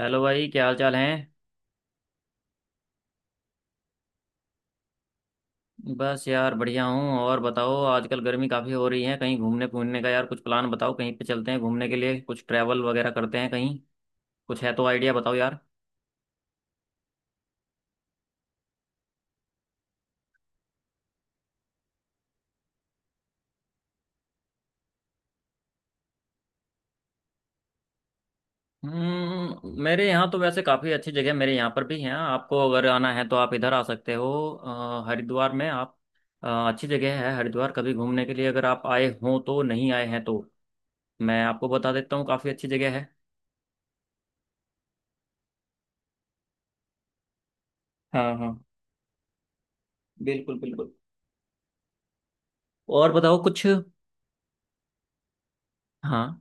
Hello भाई, क्या हाल चाल है। बस यार, बढ़िया हूँ। और बताओ, आजकल गर्मी काफ़ी हो रही है। कहीं घूमने घूमने का यार कुछ प्लान बताओ, कहीं पे चलते हैं घूमने के लिए, कुछ ट्रैवल वगैरह करते हैं कहीं। कुछ है तो आइडिया बताओ यार। मेरे यहाँ तो वैसे काफ़ी अच्छी जगह, मेरे यहाँ पर भी हैं। आपको अगर आना है तो आप इधर आ सकते हो। हरिद्वार में आप अ, अच्छी जगह है हरिद्वार। कभी घूमने के लिए अगर आप आए हों तो, नहीं आए हैं तो मैं आपको बता देता हूँ, काफ़ी अच्छी जगह है। हाँ हाँ, बिल्कुल बिल्कुल, और बताओ कुछ। हाँ,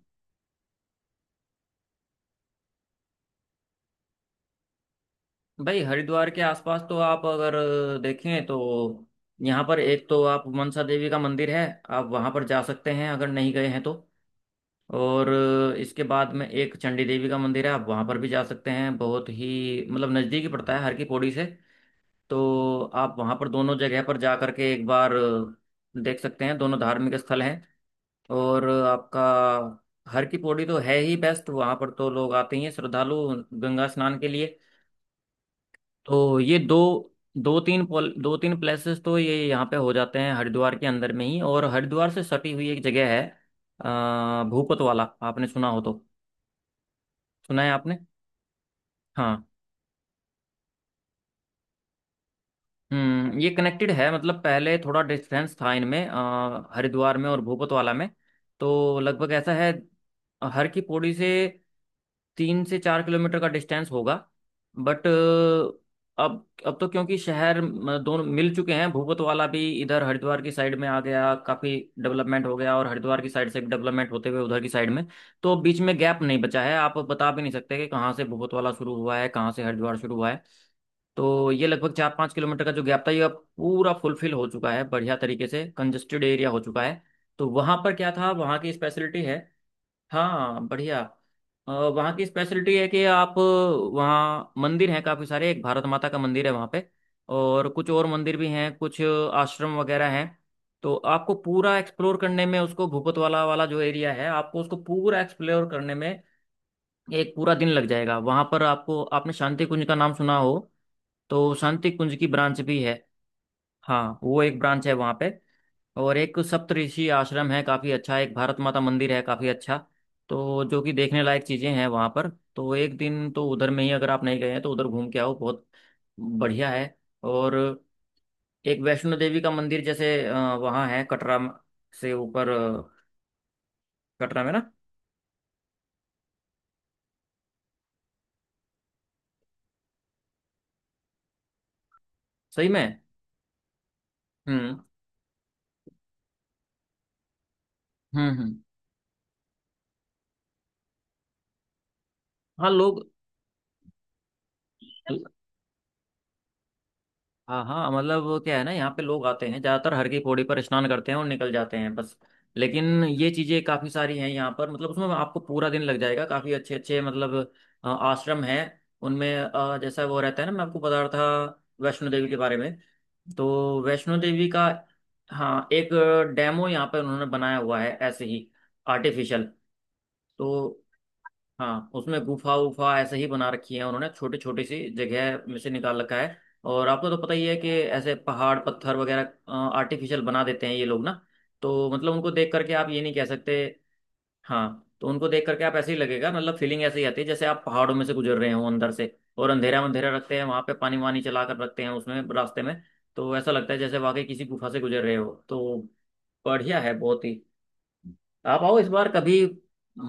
भाई हरिद्वार के आसपास तो आप अगर देखें तो, यहाँ पर एक तो आप, मनसा देवी का मंदिर है, आप वहाँ पर जा सकते हैं अगर नहीं गए हैं तो। और इसके बाद में एक चंडी देवी का मंदिर है, आप वहाँ पर भी जा सकते हैं, बहुत ही मतलब नज़दीक ही पड़ता है हर की पौड़ी से। तो आप वहाँ पर दोनों जगह पर जा करके एक बार देख सकते हैं, दोनों धार्मिक स्थल हैं। और आपका हर की पौड़ी तो है ही बेस्ट, वहाँ पर तो लोग आते ही हैं श्रद्धालु गंगा स्नान के लिए। तो ये दो दो तीन पॉल दो तीन प्लेसेस तो ये यहाँ पे हो जाते हैं हरिद्वार के अंदर में ही। और हरिद्वार से सटी हुई एक जगह है, भूपत वाला, आपने सुना हो तो? सुना है आपने? हाँ। ये कनेक्टेड है, मतलब पहले थोड़ा डिस्टेंस था इनमें, हरिद्वार में और भूपतवाला में, तो लगभग ऐसा है हर की पौड़ी से 3 से 4 किलोमीटर का डिस्टेंस होगा। बट अब तो क्योंकि शहर दोनों मिल चुके हैं, भूपतवाला भी इधर हरिद्वार की साइड में आ गया, काफी डेवलपमेंट हो गया, और हरिद्वार की साइड से डेवलपमेंट होते हुए उधर की साइड में। तो अब बीच में गैप नहीं बचा है, आप बता भी नहीं सकते कि कहाँ से भूपतवाला शुरू हुआ है, कहाँ से हरिद्वार शुरू हुआ है। तो ये लगभग 4 5 किलोमीटर का जो गैप था, ये अब पूरा फुलफिल हो चुका है, बढ़िया तरीके से कंजेस्टेड एरिया हो चुका है। तो वहाँ पर क्या था, वहाँ की स्पेशलिटी है। हाँ बढ़िया। वहाँ की स्पेशलिटी है कि आप, वहाँ मंदिर हैं काफ़ी सारे, एक भारत माता का मंदिर है वहाँ पे, और कुछ और मंदिर भी हैं, कुछ आश्रम वगैरह हैं। तो आपको पूरा एक्सप्लोर करने में उसको, भूपतवाला वाला जो एरिया है आपको उसको पूरा एक्सप्लोर करने में एक पूरा दिन लग जाएगा। वहाँ पर आपको, आपने शांति कुंज का नाम सुना हो तो, शांति कुंज की ब्रांच भी है। हाँ, वो एक ब्रांच है वहाँ पे। और एक सप्तऋषि आश्रम है काफ़ी अच्छा, एक भारत माता मंदिर है काफ़ी अच्छा। तो जो कि देखने लायक चीज़ें हैं वहाँ पर। तो एक दिन तो उधर में ही, अगर आप नहीं गए हैं तो उधर घूम के आओ, बहुत बढ़िया है। और एक वैष्णो देवी का मंदिर, जैसे वहाँ है कटरा से ऊपर, कटरा में ना। सही में। हम्म, हम्म, हम्म। हाँ, लोग। हाँ हाँ, मतलब वो क्या है ना, यहाँ पे लोग आते हैं ज्यादातर हर की पौड़ी पर, स्नान करते हैं और निकल जाते हैं बस। लेकिन ये चीजें काफी सारी हैं यहाँ पर, मतलब उसमें आपको पूरा दिन लग जाएगा, काफी अच्छे अच्छे मतलब, आश्रम हैं उनमें, जैसा वो रहता है ना, मैं आपको बता रहा था वैष्णो देवी के बारे में। तो वैष्णो देवी का, हाँ, एक डेमो यहाँ पर उन्होंने बनाया हुआ है ऐसे ही, आर्टिफिशियल। तो हाँ, उसमें गुफा वुफा ऐसे ही बना रखी है उन्होंने, छोटी छोटी सी जगह में से निकाल रखा है। और आपको तो पता ही है कि ऐसे पहाड़ पत्थर वगैरह आर्टिफिशियल बना देते हैं ये लोग ना। तो मतलब उनको देख करके आप ये नहीं कह सकते। हाँ, तो उनको देख करके आप ऐसे ही लगेगा, मतलब फीलिंग ऐसे ही आती है जैसे आप पहाड़ों में से गुजर रहे हो अंदर से। और अंधेरा अंधेरा रखते हैं वहां पे, पानी वानी चला कर रखते हैं उसमें रास्ते में। तो ऐसा लगता है जैसे वाकई किसी गुफा से गुजर रहे हो, तो बढ़िया है बहुत ही। आप आओ इस बार कभी,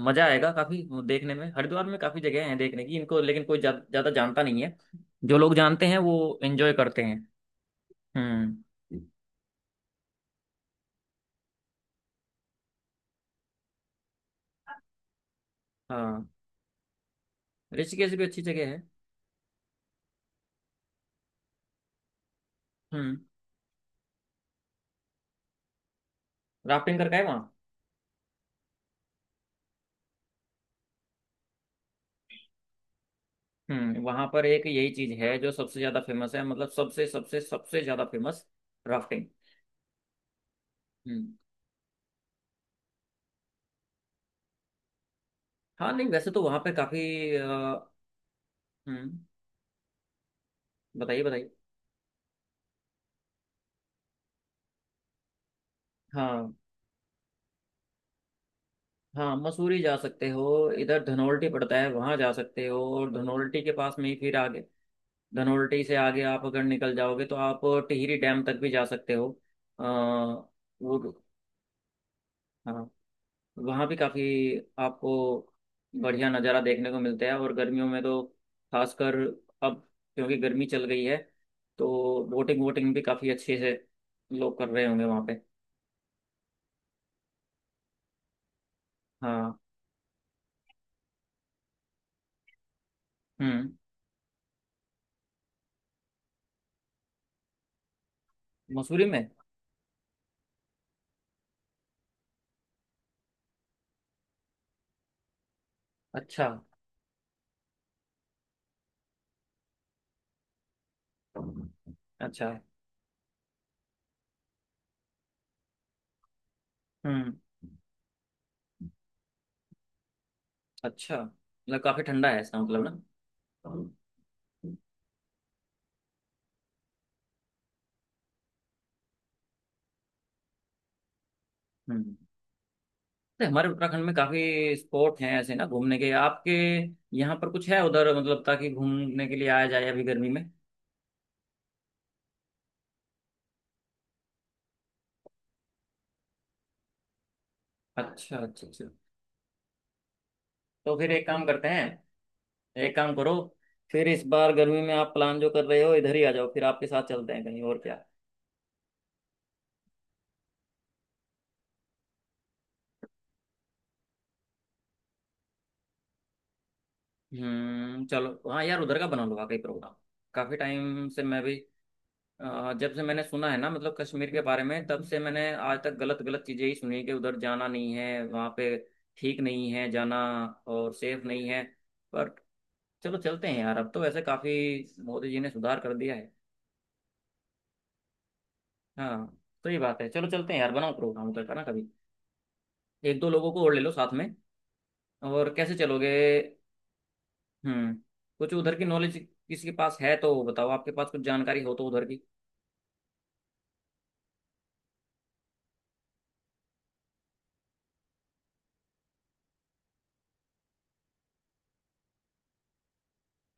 मजा आएगा काफी। देखने में हरिद्वार में काफी जगह हैं देखने की इनको, लेकिन कोई ज्यादा जानता नहीं है। जो लोग जानते हैं वो एंजॉय करते हैं। हम्म। हाँ, ऋषिकेश भी अच्छी जगह है। हम्म राफ्टिंग करके आए वहाँ? वहाँ पर एक यही चीज है जो सबसे ज्यादा फेमस है, मतलब सबसे सबसे सबसे ज्यादा फेमस, राफ्टिंग। हम्म। हाँ नहीं, वैसे तो वहाँ पे काफी अ, हम्म बताइए बताइए। हाँ हाँ, मसूरी जा सकते हो, इधर धनोल्टी पड़ता है वहां जा सकते हो, और धनोल्टी के पास में ही फिर आगे, धनोल्टी से आगे आप अगर निकल जाओगे तो आप टिहरी डैम तक भी जा सकते हो। आ, वो, हाँ, वहाँ भी काफ़ी आपको बढ़िया नज़ारा देखने को मिलता है, और गर्मियों में तो खासकर, अब क्योंकि गर्मी चल गई है, तो बोटिंग वोटिंग भी काफ़ी अच्छे से लोग कर रहे होंगे वहाँ पे। हाँ। हम्म मसूरी में? अच्छा अच्छा। हम्म अच्छा, मतलब काफी ठंडा है इसका मतलब ना। हम्म तो हमारे उत्तराखंड में काफी स्पॉट हैं ऐसे ना घूमने के, आपके यहाँ पर कुछ है उधर मतलब, ताकि घूमने के लिए आया जाए अभी गर्मी में। अच्छा अच्छा अच्छा। तो फिर एक काम करते हैं, एक काम करो, फिर इस बार गर्मी में आप प्लान जो कर रहे हो इधर ही आ जाओ, फिर आपके साथ चलते हैं कहीं और क्या। चलो, हाँ यार उधर का बना लो वाकई प्रोग्राम, काफी टाइम से मैं भी, जब से मैंने सुना है ना मतलब कश्मीर के बारे में तब से मैंने आज तक गलत गलत चीजें ही सुनी, कि उधर जाना नहीं है, वहां पे ठीक नहीं है जाना, और सेफ नहीं है। पर चलो चलते हैं यार, अब तो वैसे काफी मोदी जी ने सुधार कर दिया है। हाँ, तो ये बात है, चलो चलते हैं यार, बनाओ प्रोग्राम उधर का ना कभी, एक दो लोगों को और ले लो साथ में। और कैसे चलोगे? हम्म कुछ उधर की नॉलेज किसी के पास है तो बताओ, आपके पास कुछ जानकारी हो तो उधर की।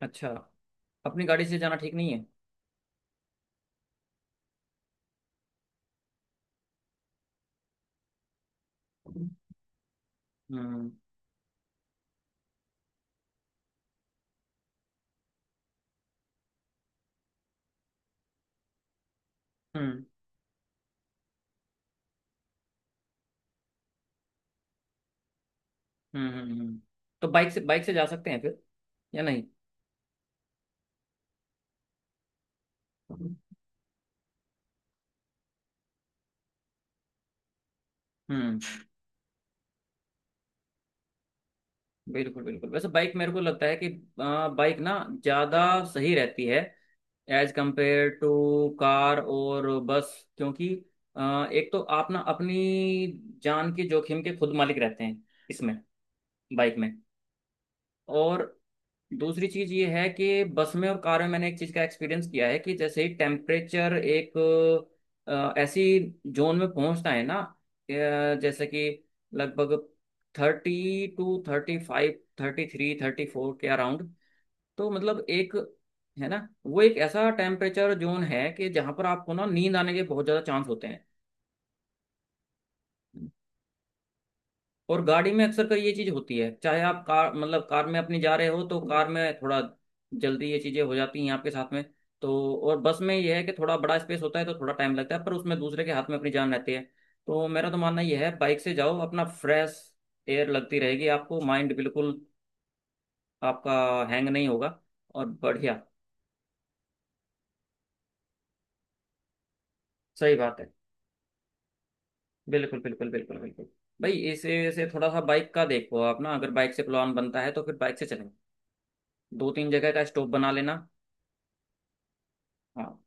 अच्छा। अपनी गाड़ी से जाना ठीक नहीं है? हम्म, हम्म, हम्म, हम्म, हम्म। तो बाइक से जा सकते हैं फिर, या नहीं? हम्म। बिल्कुल बिल्कुल, वैसे बाइक मेरे को लगता है कि बाइक ना ज़्यादा सही रहती है, एज कंपेयर टू कार और बस। क्योंकि एक तो आप ना अपनी जान के जोखिम के खुद मालिक रहते हैं इसमें, बाइक में। और दूसरी चीज ये है कि बस में और कार में मैंने एक चीज का एक्सपीरियंस किया है कि, जैसे ही टेम्परेचर एक ऐसी जोन में पहुंचता है ना, जैसे कि लगभग 32, 35, 33, 34 के अराउंड, तो मतलब एक, है ना, वो एक ऐसा टेम्परेचर जोन है कि जहां पर आपको ना नींद आने के बहुत ज्यादा चांस होते हैं। और गाड़ी में अक्सर कर ये चीज होती है, चाहे आप कार मतलब कार में अपनी जा रहे हो, तो कार में थोड़ा जल्दी ये चीजें हो जाती हैं आपके साथ में। तो और बस में ये है कि थोड़ा बड़ा स्पेस होता है तो थोड़ा टाइम लगता है, पर उसमें दूसरे के हाथ में अपनी जान रहती है। तो मेरा तो मानना ये है, बाइक से जाओ, अपना फ्रेश एयर लगती रहेगी आपको, माइंड बिल्कुल आपका हैंग नहीं होगा, और बढ़िया। सही बात है, बिल्कुल बिल्कुल बिल्कुल बिल्कुल। भाई इसे से थोड़ा सा बाइक का देखो आप ना, अगर बाइक से प्लान बनता है तो फिर बाइक से चलेंगे, दो तीन जगह का स्टॉप बना लेना। हाँ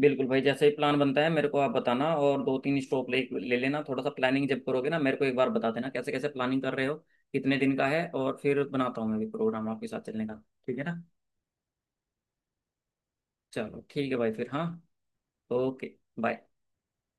बिल्कुल भाई, जैसे ही प्लान बनता है मेरे को आप बताना, और दो तीन स्टॉप ले ले लेना, थोड़ा सा प्लानिंग जब करोगे ना, मेरे को एक बार बता देना कैसे कैसे प्लानिंग कर रहे हो, कितने दिन का है, और फिर बनाता हूँ मैं भी प्रोग्राम आपके साथ चलने का। ठीक है ना? चलो ठीक है भाई, फिर हाँ, ओके। बाय।